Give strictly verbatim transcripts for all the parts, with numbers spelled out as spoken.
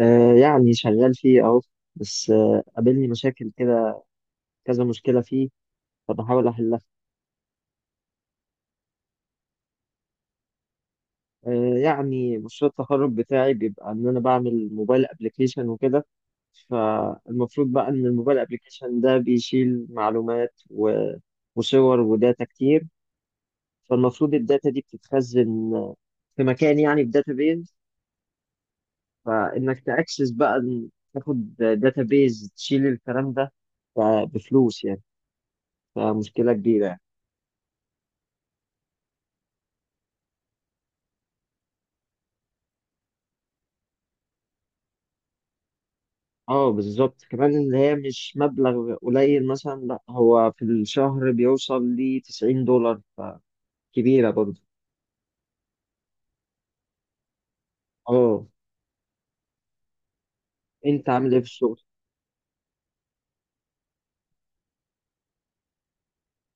آه يعني شغال فيه أهو. بس آه قابلني مشاكل كده، كذا مشكلة فيه، فبحاول أحلها. آه يعني مشروع التخرج بتاعي بيبقى إن أنا بعمل موبايل أبليكيشن وكده، فالمفروض بقى إن الموبايل أبليكيشن ده بيشيل معلومات و- وصور وداتا كتير. فالمفروض الداتا دي بتتخزن في مكان، يعني في داتابيز، فإنك تأكسس بقى، تاخد داتابيز تشيل الكلام ده بفلوس يعني، فمشكلة كبيرة. اه بالظبط، كمان اللي هي مش مبلغ قليل مثلا، لا هو في الشهر بيوصل ل تسعين دولار، فكبيرة برضه. اه، انت عامل ايه في الشغل؟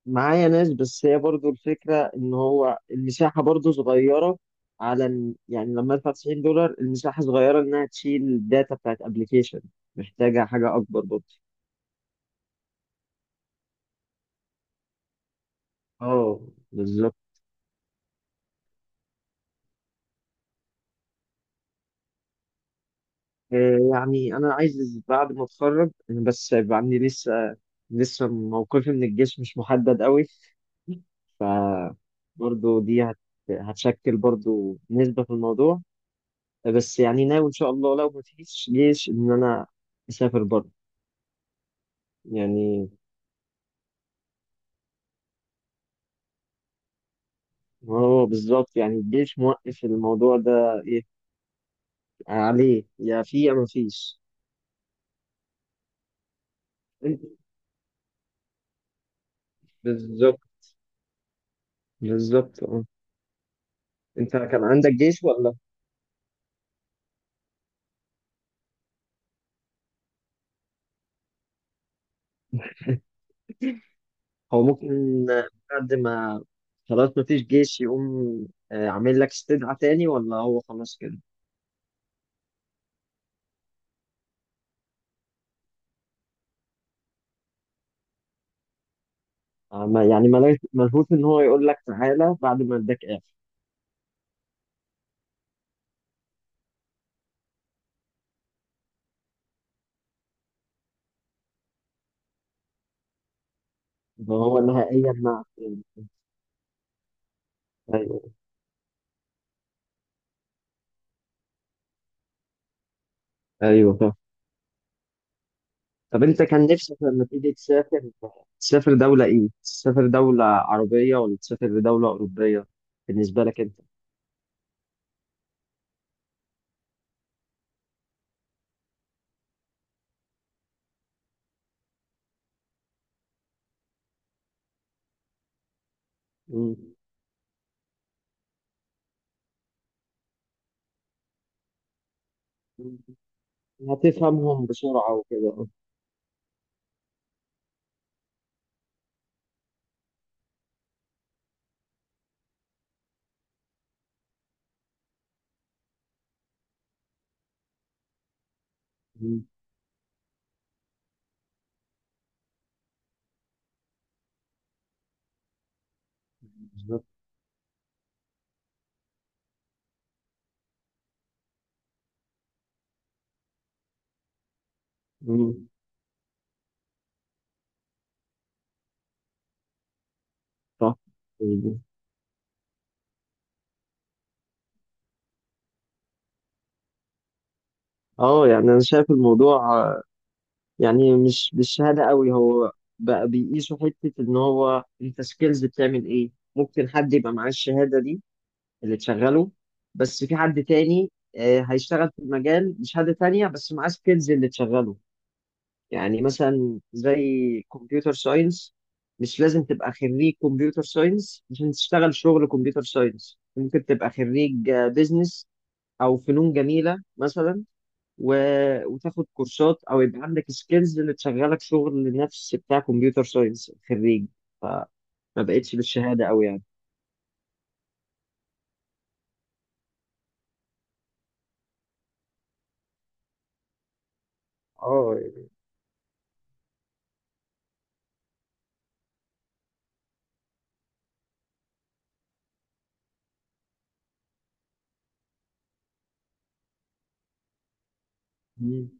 معايا ناس، بس هي برضه الفكرة ان هو المساحة برضه صغيرة على إن- يعني لما ادفع تسعين دولار المساحة صغيرة انها تشيل الداتا بتاعت ابلكيشن، محتاجة حاجة اكبر برضه. اه بالظبط. آه، يعني انا عايز بعد ما اتخرج أنا، بس هيبقى عندي لسه لسه موقفي من الجيش مش محدد قوي. ف برضه دي هت... هتشكل برضه نسبة في الموضوع، بس يعني ناوي إن شاء الله لو مفيش جيش إن أنا أسافر بره يعني. هو بالظبط يعني الجيش موقف الموضوع ده إيه، عليه يا في يا مفيش. بالظبط بالظبط أه. أنت كان عندك جيش ولا؟ هو ممكن بعد ما خلاص ما فيش جيش يقوم آه، عامل لك استدعاء تاني ولا هو خلاص كده؟ آه، ما- يعني ملهوش ملهوش ان هو يقول لك تعالى بعد ما اداك اعفاء، يبقى هو نهائيا معك يعني. ايوه ايوه فاهم. طب انت كان نفسك لما تيجي تسافر، تسافر دولة ايه؟ تسافر دولة عربية ولا تسافر لدولة أوروبية؟ بالنسبة لك انت؟ مم. هتفهمهم بسرعة وكده. مم. بالظبط. مم. صح. اه يعني انا شايف الموضوع آه، يعني مش بالشهاده قوي هو، بقى بيقيسوا حته ان هو انت سكيلز بتعمل ايه، ممكن حد يبقى معاه الشهاده دي اللي تشغله، بس في حد تاني آه، هيشتغل في المجال بشهاده تانيه بس معاه سكيلز اللي تشغله. يعني مثلا زي كمبيوتر ساينس، مش لازم تبقى خريج كمبيوتر ساينس عشان تشتغل شغل كمبيوتر ساينس، ممكن تبقى خريج بيزنس او فنون جميله مثلا، و... وتاخد كورسات او يبقى عندك سكيلز اللي تشغلك شغل نفس بتاع كمبيوتر ساينس خريج. فما بقتش بالشهاده قوي يعني. اه يعني. مم.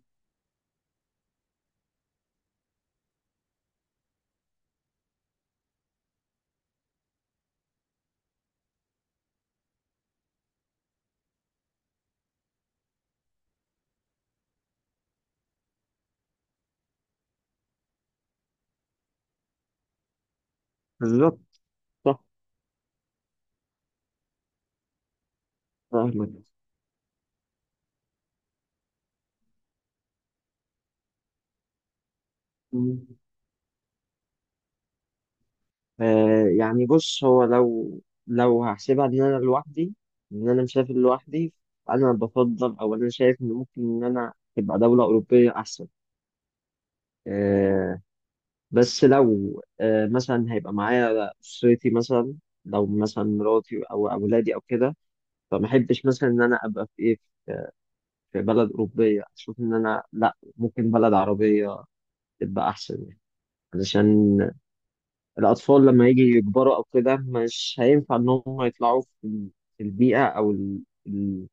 بالظبط. صح. فاهمك. مم. آه يعني بص هو لو، لو هحسبها ان انا لوحدي، ان انا مسافر لوحدي، انا بفضل او انا شايف ان ممكن ان انا تبقى دولة أوروبية أحسن. آه، بس لو آه مثلا هيبقى معايا أسرتي مثلا، لو مثلا مراتي أو أولادي أو كده، فما احبش مثلا ان انا ابقى في ايه، في بلد اوروبيه، اشوف ان انا لا ممكن بلد عربيه تبقى احسن يعني، علشان الاطفال لما يجي يكبروا او كده مش هينفع ان هم يطلعوا في في البيئه او ال... ال-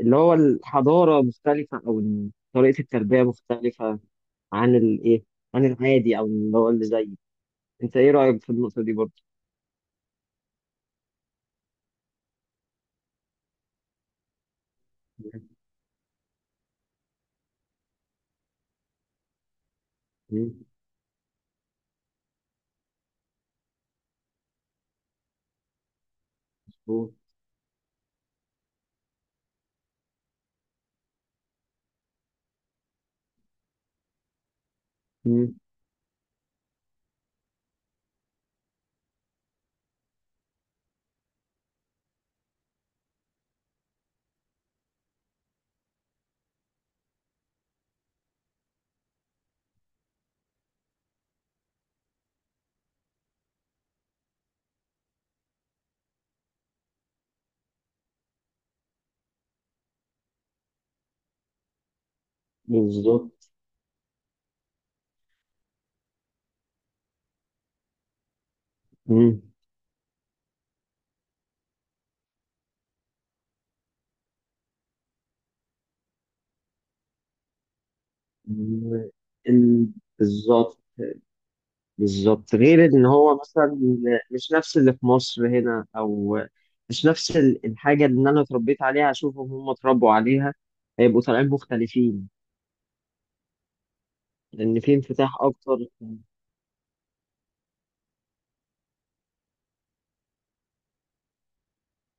اللي هو الحضاره مختلفه او إن طريقه التربيه مختلفه عن الايه، عن العادي او اللي هو اللي زيي. انت ايه رايك في النقطه دي برضه؟ مم. مم. بالظبط. مم. ال- بالظبط بالظبط غير ان هو مثلا مش نفس اللي في مصر هنا او مش نفس ال- الحاجه اللي انا اتربيت عليها اشوفهم هم اتربوا عليها، هيبقوا طالعين مختلفين لان في انفتاح اكتر.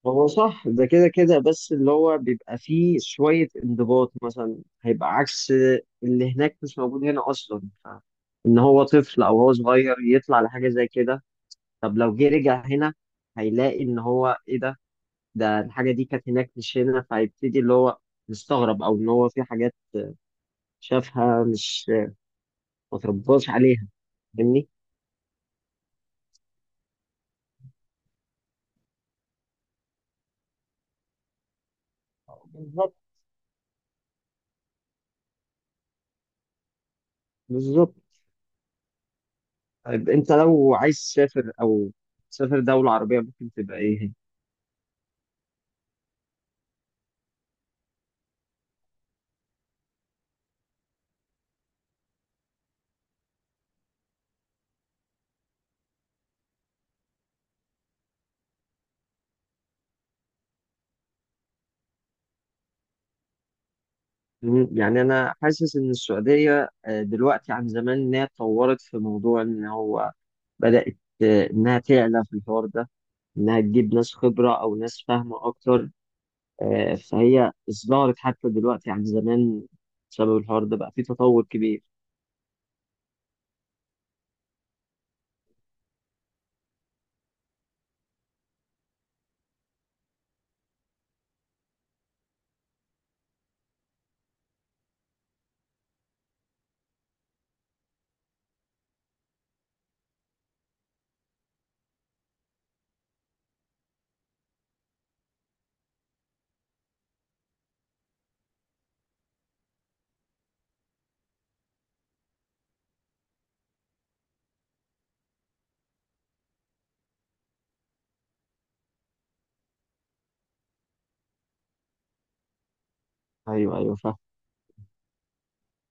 هو صح ده كده كده، بس اللي هو بيبقى فيه شويه انضباط مثلا هيبقى عكس اللي هناك، مش موجود هنا اصلا ف- ان هو طفل او هو صغير يطلع لحاجه زي كده. طب لو جه رجع هنا هيلاقي ان هو ايه ده، ده الحاجة دي كانت هناك مش هنا، فهيبتدي اللي هو مستغرب أو إن هو في حاجات شافها مش ما ترباش عليها. فاهمني؟ بالظبط بالظبط. طيب أنت لو عايز تسافر أو تسافر دولة عربية ممكن تبقى إيه هي؟ مم، يعني أنا حاسس إن السعودية آه، دلوقتي عن زمان إنها اتطورت في موضوع إن هو بدأت آه، إنها تعلى في الحوار ده، إنها تجيب ناس خبرة أو ناس فاهمة أكتر. آه، فهي ازدهرت حتى دلوقتي عن زمان بسبب الحوار ده، بقى في تطور كبير. ايوه ايوه فاهم.